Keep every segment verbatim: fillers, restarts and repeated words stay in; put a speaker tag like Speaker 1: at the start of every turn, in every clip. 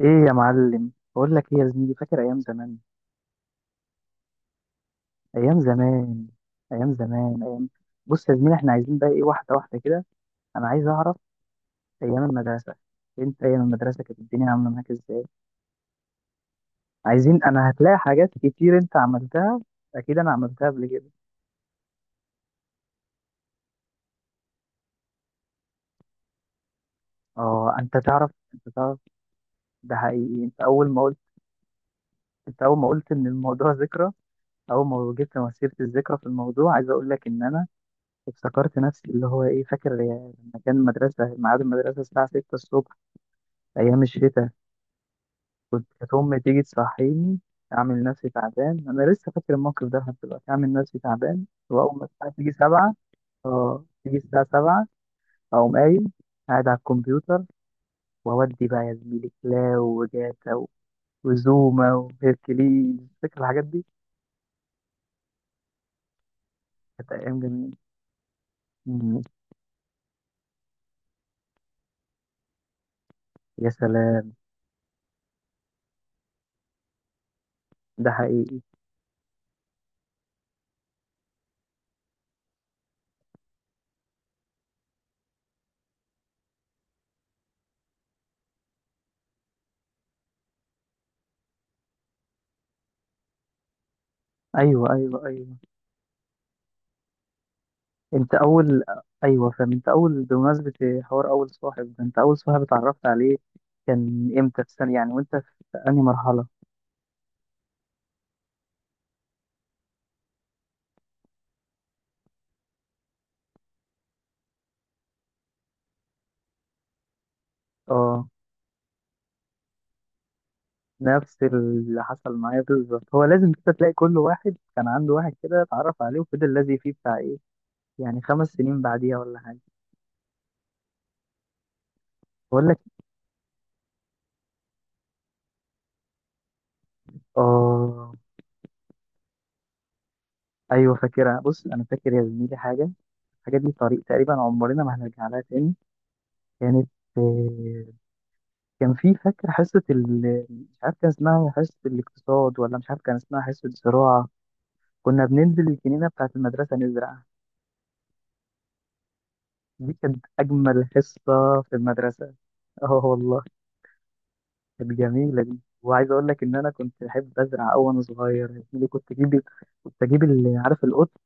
Speaker 1: ايه يا معلم، بقول لك ايه يا زميلي، فاكر ايام زمان؟ ايام زمان، ايام زمان، ايام. بص يا زميلي، احنا عايزين بقى ايه، واحده واحده كده. انا عايز اعرف ايام المدرسه، انت ايام المدرسه كانت الدنيا عامله معاك ازاي؟ عايزين، انا هتلاقي حاجات كتير انت عملتها، اكيد انا عملتها قبل كده. اه، انت تعرف انت تعرف ده حقيقي. انت اول ما قلت انت اول ما قلت ان الموضوع ذكرى. اول ما جبت مسيره الذكرى في الموضوع، عايز اقول لك ان انا افتكرت نفسي، اللي هو ايه، فاكر لما كان المدرسه، ميعاد المدرسه الساعه ستة الصبح، أيام الشتاء، كانت أمي تيجي تصحيني، أعمل نفسي تعبان. أنا لسه فاكر الموقف ده لحد دلوقتي. أعمل نفسي تعبان وأقوم الساعة تيجي سبعة. أه، تيجي الساعة سبعة أقوم قايم، قاعد على الكمبيوتر، وأودي بقى يا زميلي كلاو وجاتا و- وزوما وهيركليز. فاكر الحاجات دي؟ كانت أيام جميلة. مم. يا سلام. ده حقيقي. أيوه، أيوه، أيوه. انت اول ايوه فاهم. انت اول، بمناسبه حوار اول صاحب ده، انت اول صاحب اتعرفت عليه كان امتى، في سنه يعني وانت في انهي مرحله؟ اه، نفس اللي حصل معايا بالظبط. هو لازم كده تلاقي كل واحد كان عنده واحد كده اتعرف عليه وفضل لازق فيه، بتاع ايه يعني، خمس سنين بعديها ولا حاجه. بقول لك، اه، ايوه فاكرها. بص انا فاكر يا زميلي حاجه، الحاجه دي طريق تقريبا عمرنا ما هنرجع لها تاني. كانت، آه، كان في، فاكر حصة ال... مش عارف كان اسمها حصة الاقتصاد ولا مش عارف كان اسمها حصة زراعة، كنا بننزل الجنينة بتاعة المدرسة نزرع. دي كانت أجمل حصة في المدرسة. اه والله، كانت جميلة دي. وعايز أقول لك إن أنا كنت بحب أزرع أوي وأنا صغير يا زميلي. كنت أجيب، كنت أجيب ال- عارف القطن،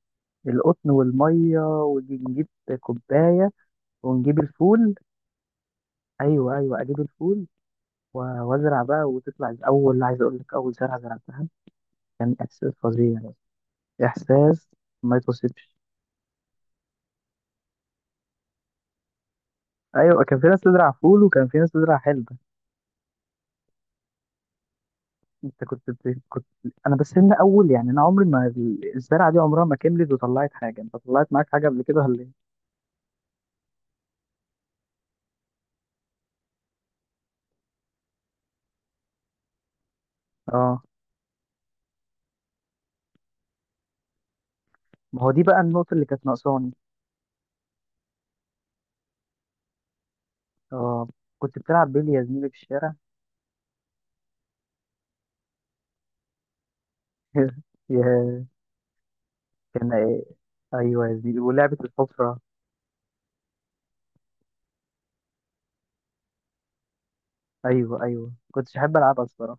Speaker 1: القطن والمية ونجيب كوباية، ونجيب الفول. أيوه أيوه، أجيب الفول، و- وأزرع بقى وتطلع. أول، عايز أقول لك، أول زرعة زرعتها كان إحساس فظيع، احساس ما يتوصفش. ايوه، كان في ناس تزرع فول وكان في ناس تزرع حلبة. انت كنت بت- كنت، انا بس انا اول، يعني انا عمري ما ال- الزرعه دي عمرها ما كملت وطلعت حاجه، انت طلعت معاك حاجه قبل كده ولا ايه؟ اه، ما هو دي بقى النقطه اللي كانت ناقصاني. اه. كنت بتلعب بيلي يا زميلي في الشارع؟ يا، كان ايه، ايوه يا زميلي ولعبه الحفره. ايوه ايوه، كنتش احب العبها الصراحه.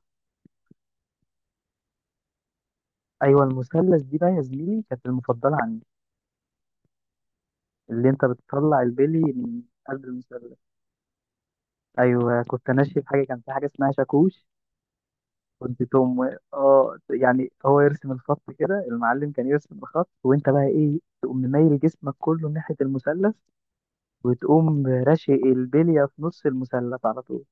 Speaker 1: ايوه المثلث دي بقى يا زميلي كانت المفضله عندي، اللي انت بتطلع البيلي من قلب المثلث. ايوه، كنت ماشي في حاجه، كان في حاجه اسمها شاكوش. كنت تقوم، اه يعني، هو يرسم الخط كده، المعلم كان يرسم الخط، وانت بقى ايه، تقوم مميل جسمك كله ناحيه المثلث وتقوم راشق البليه في نص المثلث على طول.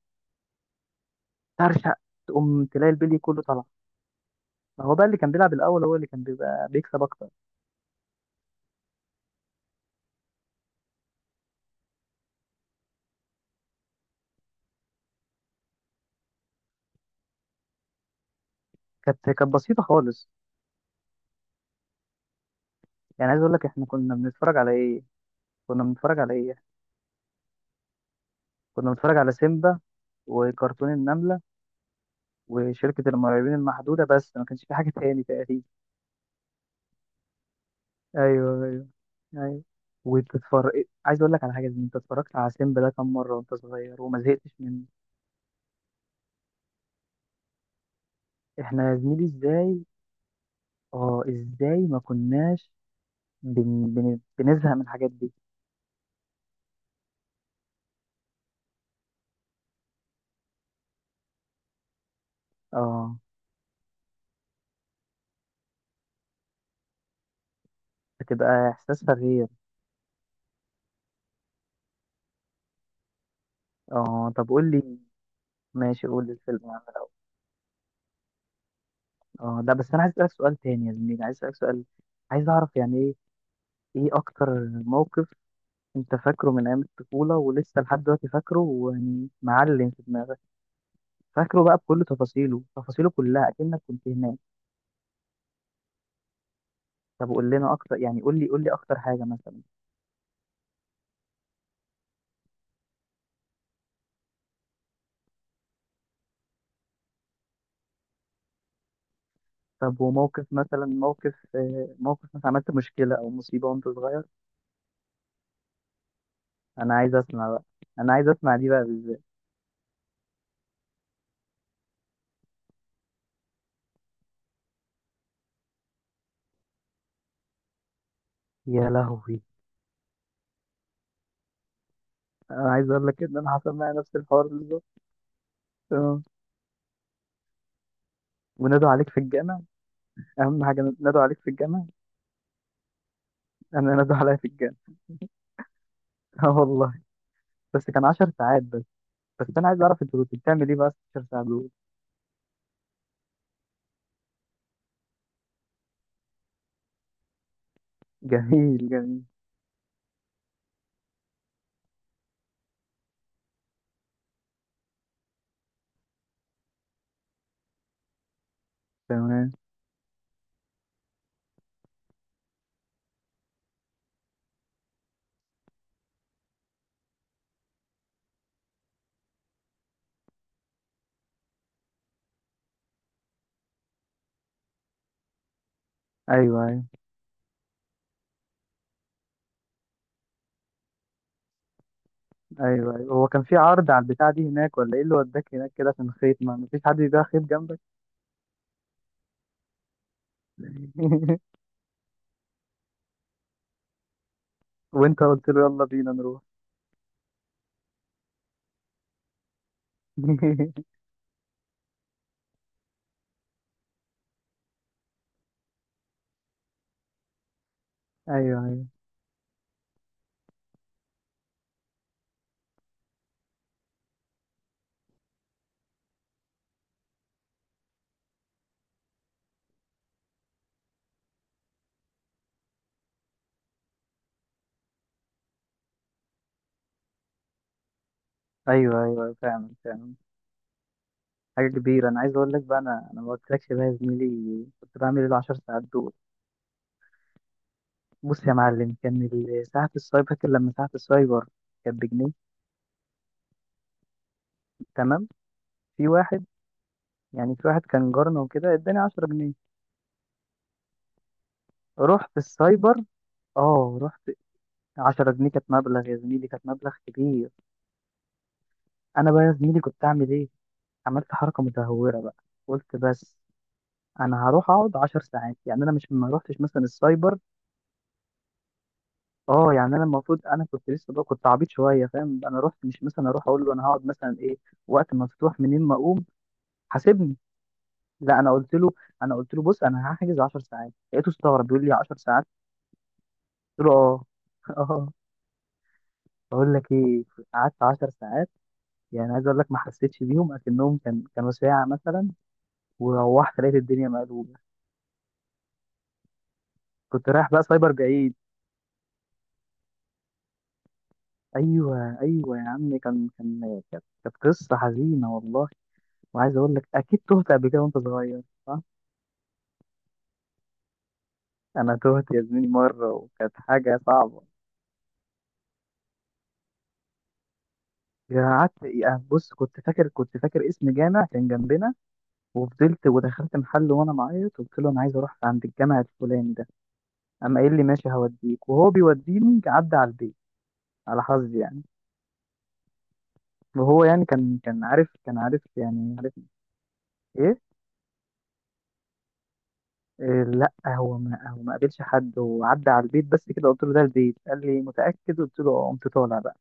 Speaker 1: ترشق، تقوم تلاقي البلي كله طالع. ما هو بقى اللي كان بيلعب الاول هو اللي كان بيبقى بيكسب اكتر. كانت كانت بسيطه خالص. يعني عايز اقول لك، احنا كنا بنتفرج على ايه؟ كنا بنتفرج على ايه كنا بنتفرج على سيمبا وكرتون النمله وشركة المرعبين المحدودة، بس ما كانش في حاجة تاني تقريبا. ايوه ايوه ايوه. وبتتفرج، عايز اقول لك على حاجة زي، انت اتفرجت على سيمبا ده كام مرة وانت صغير وما زهقتش منه؟ احنا يا زميلي ازاي، اه ازاي ما كناش بن... بن... بنزهق من الحاجات دي؟ اه. بتبقى احساسها غير. اه، طب قول لي، ماشي، قول لي الفيلم يا عم الاول. اه، لا بس انا عايز اسالك سؤال تاني يا زميلي. عايز اسالك سؤال، عايز اعرف يعني، ايه ايه اكتر موقف انت فاكره من ايام الطفوله ولسه لحد دلوقتي فاكره ويعني معلم في دماغك، فاكره بقى بكل تفاصيله، تفاصيله كلها اكنك كنت هناك؟ طب قول لنا اكتر يعني، قول لي قول لي اكتر حاجه مثلا. طب وموقف مثلا، موقف آه، موقف مثلا عملت مشكله او مصيبه وانت صغير. انا عايز اسمع بقى، انا عايز اسمع دي بقى بالذات. يا لهوي، انا عايز اقول لك ان انا حصل معايا نفس الحوار بالظبط. اه. ونادوا عليك في الجامع؟ اهم حاجه نادوا عليك في الجامع. انا نادوا عليا في الجامع. اه والله، بس كان 10 ساعات بس. بس انا عايز اعرف انت كنت بتعمل ايه بقى ستاشر ساعة ساعه دول؟ جميل جميل. تمام. ايوه ايوه. ايبه ايوه، هو كان في عرض على البتاع دي هناك ولا ايه اللي وداك هناك كده عشان خيط، ما مفيش حد بيبيع خيط جنبك؟ وانت قلت له يلا بينا نروح؟ ايوه ايوه. ايوه ايوه فعلا فعلا. حاجه كبيره. انا عايز اقول لك بقى، انا انا ما قلتلكش بقى يا زميلي كنت بعمل ايه العشر ساعات دول. بص يا معلم، كان ال- ساعه السايبر، فاكر لما ساعه السايبر كانت بجنيه؟ تمام. في واحد، يعني في واحد كان جارنا وكده، اداني عشرة جنيه، رحت السايبر. اه رحت. عشر جنيه كانت مبلغ يا زميلي، كانت مبلغ كبير. انا بقى يا زميلي كنت اعمل ايه؟ عملت حركه متهوره بقى، قلت بس انا هروح اقعد 10 ساعات. يعني انا مش ما روحتش مثلا السايبر، اه. يعني انا المفروض، انا كنت لسه بقى كنت عبيط شويه، فاهم؟ انا رحت مش مثلا اروح اقول له انا هقعد مثلا ايه، وقت ما تفتوح منين ما اقوم حاسبني. لا، انا قلت له، انا قلت له بص انا هحجز 10 ساعات. لقيته استغرب بيقول لي 10 ساعات؟ قلت له اه. اه. بقول لك ايه، قعدت 10 ساعات، يعني عايز اقول لك ما حسيتش بيهم، اكنهم كان كانوا ساعه مثلا. وروحت لقيت الدنيا مقلوبه، كنت رايح بقى سايبر بعيد. ايوه ايوه يا عم، كان كان كانت كانت قصه حزينه والله. وعايز اقول لك، اكيد تهت قبل كده وانت صغير صح؟ انا تهت يا زميلي مره وكانت حاجه صعبه. قعدت يعني، بص كنت فاكر كنت فاكر اسم جامع كان جنبنا، وفضلت ودخلت محل وانا معيط، قلت له انا عايز اروح عند الجامع الفلاني ده. اما قال لي ماشي هوديك، وهو بيوديني عدى على البيت، على حظي يعني. وهو يعني كان، كان عارف كان عارف، يعني عارف. ايه. إيه، لا هو، ما هو ما قابلش حد، وعدى على البيت بس كده، قلت له ده البيت، قال لي متأكد، قلت له اه، قمت طالع بقى.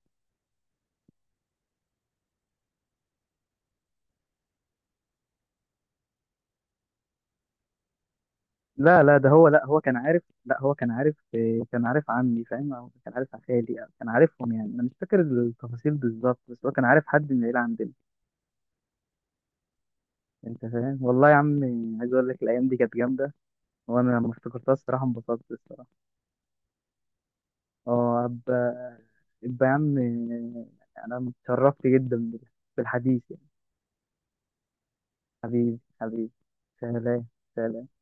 Speaker 1: لا لا، ده هو، لا هو كان عارف، لا هو كان عارف، إيه، كان عارف عمي فاهم، أو كان عارف خالي، أو كان عارفهم يعني. انا مش فاكر التفاصيل بالظبط، بس هو كان عارف حد من العيلة عندنا. انت فاهم، والله يا عم، عايز اقول لك الايام دي كانت جامدة. وانا لما افتكرتها الصراحة انبسطت الصراحة. اه، ابقى، ابقى يا عم. انا اتشرفت جدا بالحديث يعني. حبيبي حبيبي. سلام. سلام.